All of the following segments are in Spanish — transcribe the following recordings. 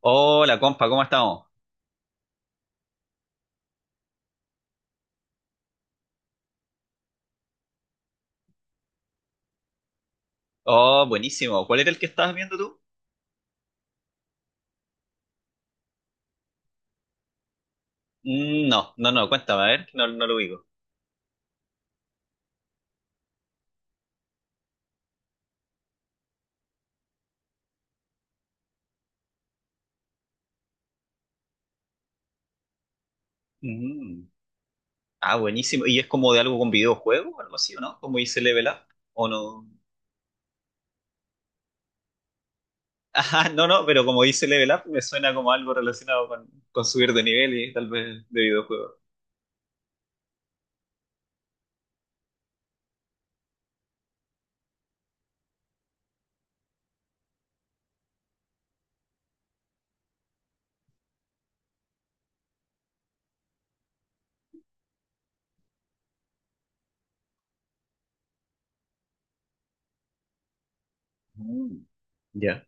Hola, compa, ¿cómo estamos? Oh, buenísimo. ¿Cuál era el que estabas viendo tú? Mm, no, no, no, cuéntame, a ver, lo digo? Mm, Ah, buenísimo. ¿Y es como de algo con videojuego o algo así, o no? Como dice Level Up, ¿o no? Ajá, no, no, pero como dice Level Up me suena como algo relacionado con subir de nivel y tal vez de videojuego. Mm, ya.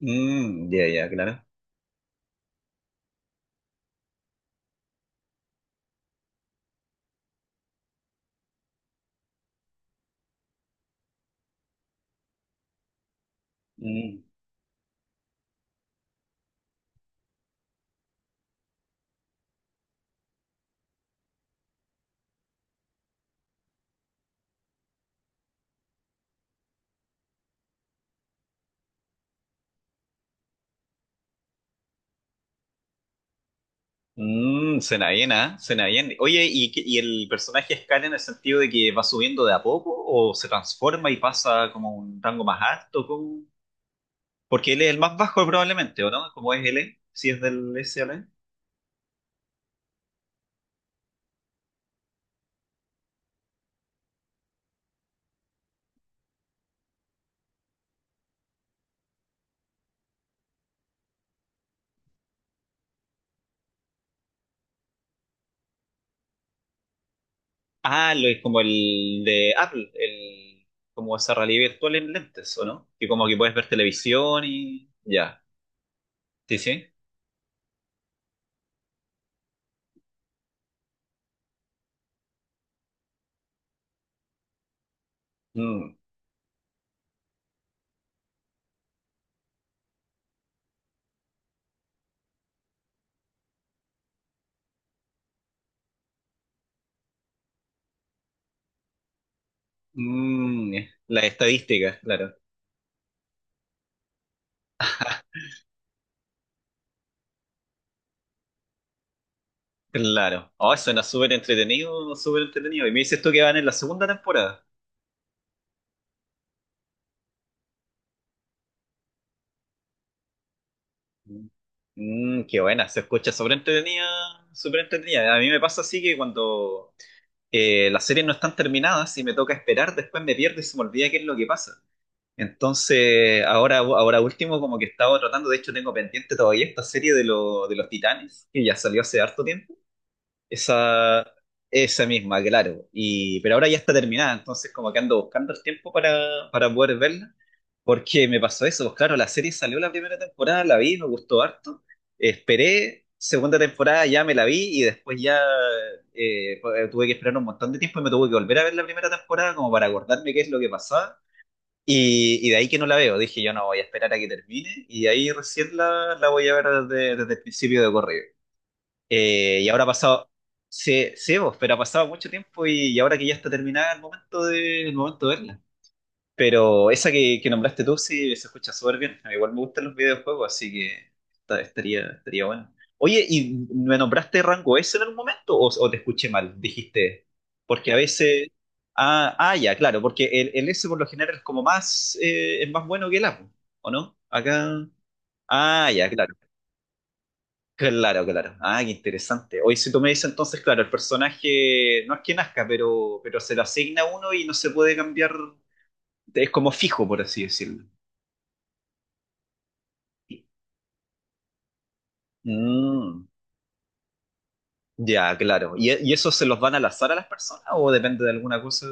Mm, ya, ya, claro. Mm. Mm, suena bien, ¿ah? Suena bien. Oye, ¿y, y el personaje escala en el sentido de que va subiendo de a poco o se transforma y pasa como a un rango más alto? ¿Cómo? Porque él es el más bajo probablemente, ¿o no? ¿Cómo es él? Si es del S A SL. Ah, lo es como el de Apple, el, como esa realidad virtual en lentes, ¿o no? Que como que puedes ver televisión y ya. Sí, sí. Mm, mm, las estadísticas, claro. Claro. Oh, suena súper entretenido, súper entretenido. Y me dices tú que van en la segunda temporada. Mm, qué buena, se escucha súper entretenida, súper entretenida. A mí me pasa así que cuando las series no están terminadas y me toca esperar, después me pierdo y se me olvida qué es lo que pasa. Entonces, ahora, ahora último, como que estaba tratando, de hecho tengo pendiente todavía esta serie de, de los Titanes, que ya salió hace harto tiempo. Esa, esa misma, claro. Y, pero ahora ya está terminada, entonces como que ando buscando el tiempo para poder verla, porque me pasó eso, pues claro, la serie salió la primera temporada, la vi, me gustó harto, esperé, segunda temporada ya me la vi y después ya pues, tuve que esperar un montón de tiempo y me tuve que volver a ver la primera temporada como para acordarme qué es lo que pasaba. Y de ahí que no la veo, dije yo no voy a esperar a que termine y ahí recién la, la voy a ver desde, desde el principio de correo y ahora ha pasado, sí, sí, vos, pero ha pasado mucho tiempo y ahora que ya está terminada el momento de verla. Pero esa que nombraste tú sí se escucha súper bien. A mí igual me gustan los videojuegos, así que estaría, estaría bueno. Oye, ¿y me nombraste rango S en algún momento o te escuché mal? Dijiste, porque a veces... Ah, ah, ya, claro, porque el S por lo general es como más, es más bueno que el A, ¿o no? Acá... Ah, ya, claro. Claro, claro. Ah, qué interesante. Hoy si tú me dices entonces, claro, el personaje no es que nazca, pero se lo asigna uno y no se puede cambiar, es como fijo, por así decirlo. Mm, ya, claro. ¿Y, y eso se los van al azar a las personas o depende de alguna cosa?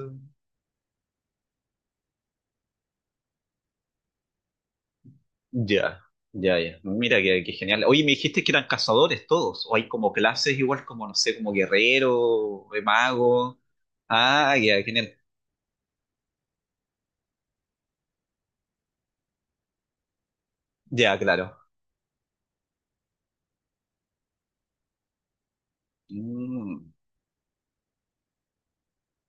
Ya, ya, ya. Mira, qué, qué genial. Oye, me dijiste que eran cazadores todos, o hay como clases igual como, no sé, como guerrero, mago. Ah, ya, genial. Ya, claro. Mm.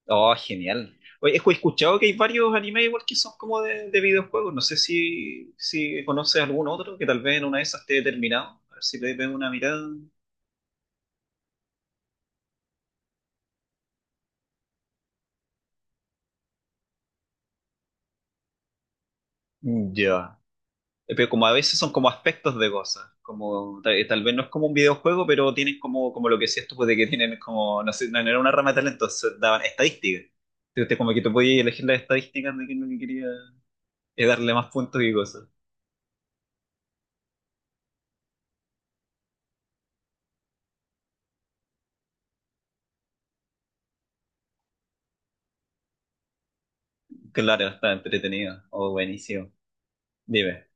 Oh, genial. Oye, he escuchado que hay varios animes igual que son como de videojuegos. No sé si, si conoces algún otro que tal vez en una de esas esté terminado. A ver si le pego una mirada. Mm, ya. Pero como a veces son como aspectos de cosas. Como tal, tal vez no es como un videojuego, pero tienen como, como lo que decías tú, pues de que tienen como, no sé, no era una rama de talento, entonces daban estadísticas. Entonces, como que tú podías elegir las estadísticas de quién lo que no quería darle más puntos y cosas. Claro, está entretenido. Oh, buenísimo. Dime.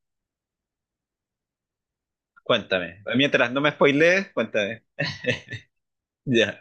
Cuéntame. Mientras no me spoilees, cuéntame. Ya.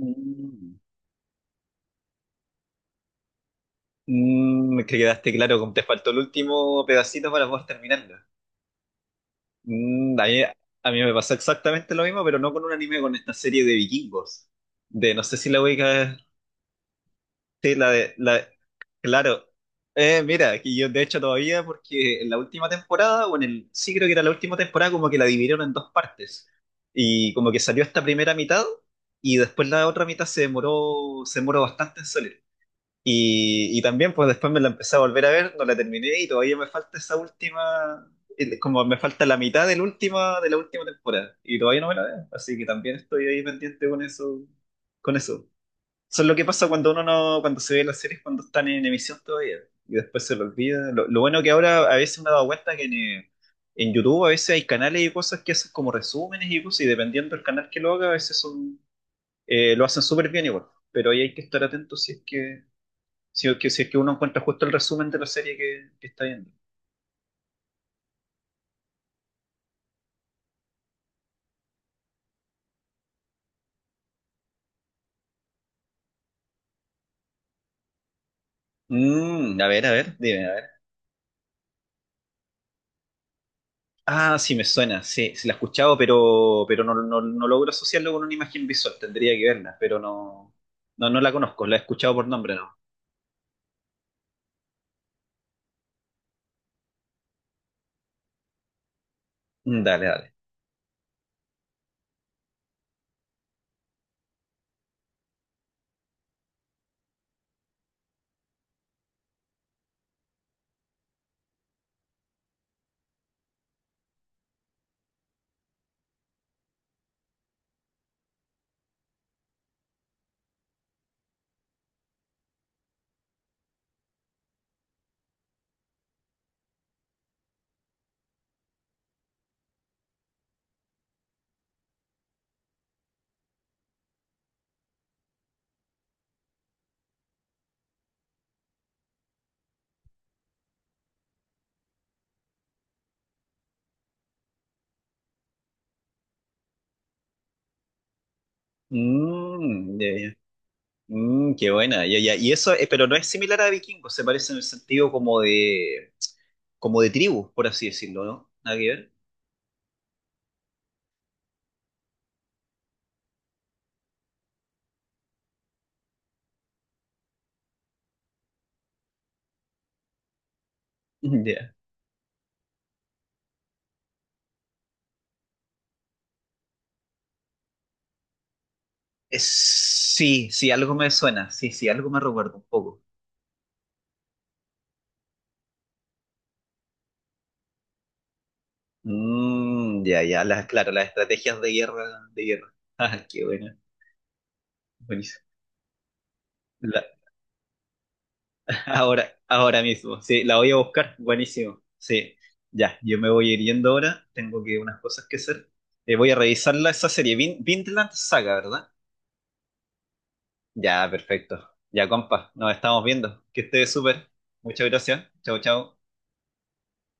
Mm. Mm, que quedaste claro, como te faltó el último pedacito para poder terminarlo. Mm, a mí me pasó exactamente lo mismo, pero no con un anime, con esta serie de vikingos. De, no sé si la ubica sí, la de, la, claro. Mira, que yo de hecho todavía, porque en la última temporada, o en el, sí creo que era la última temporada, como que la dividieron en dos partes. Y como que salió esta primera mitad, y después la otra mitad se demoró bastante en salir. Y también, pues después me la empecé a volver a ver, no la terminé, y todavía me falta esa última, como me falta la mitad del última, de la última temporada. Y todavía no me la veo, así que también estoy ahí pendiente con eso, con eso. Eso es lo que pasa cuando uno no, cuando se ve las series cuando están en emisión todavía y después se lo olvida. Lo bueno que ahora a veces me he dado cuenta que en YouTube a veces hay canales y cosas que hacen como resúmenes y cosas y dependiendo del canal que lo haga a veces son, lo hacen súper bien igual. Pero ahí hay que estar atento si es que, si, es que, si es que uno encuentra justo el resumen de la serie que está viendo. Mm, a ver, dime, ah, sí, me suena, sí, sí la he escuchado, pero no, no, no logro asociarlo con una imagen visual, tendría que verla, pero no, no, no la conozco, la he escuchado por nombre, no. Mm, dale, dale. Mm, ya, ya. Mm, qué buena, ya, ya. Y eso, pero no es similar a Vikingos, se parece en el sentido como de tribu, por así decirlo, ¿no? Nada que ver. Mm, ya. Es- sí, sí, algo me suena, sí, sí, algo me recuerda un poco. Mm, ya, ya, las, claro, las estrategias de guerra, de guerra. Ah, qué buena, buenísimo. Ahora, ahora mismo, sí, la voy a buscar, buenísimo, sí, ya, yo me voy a ir yendo ahora, tengo que unas cosas que hacer, eh, voy a revisarla esa serie, Vinland Saga, ¿verdad? Ya, perfecto, ya compa, nos estamos viendo, que esté súper, muchas gracias, chao, chao.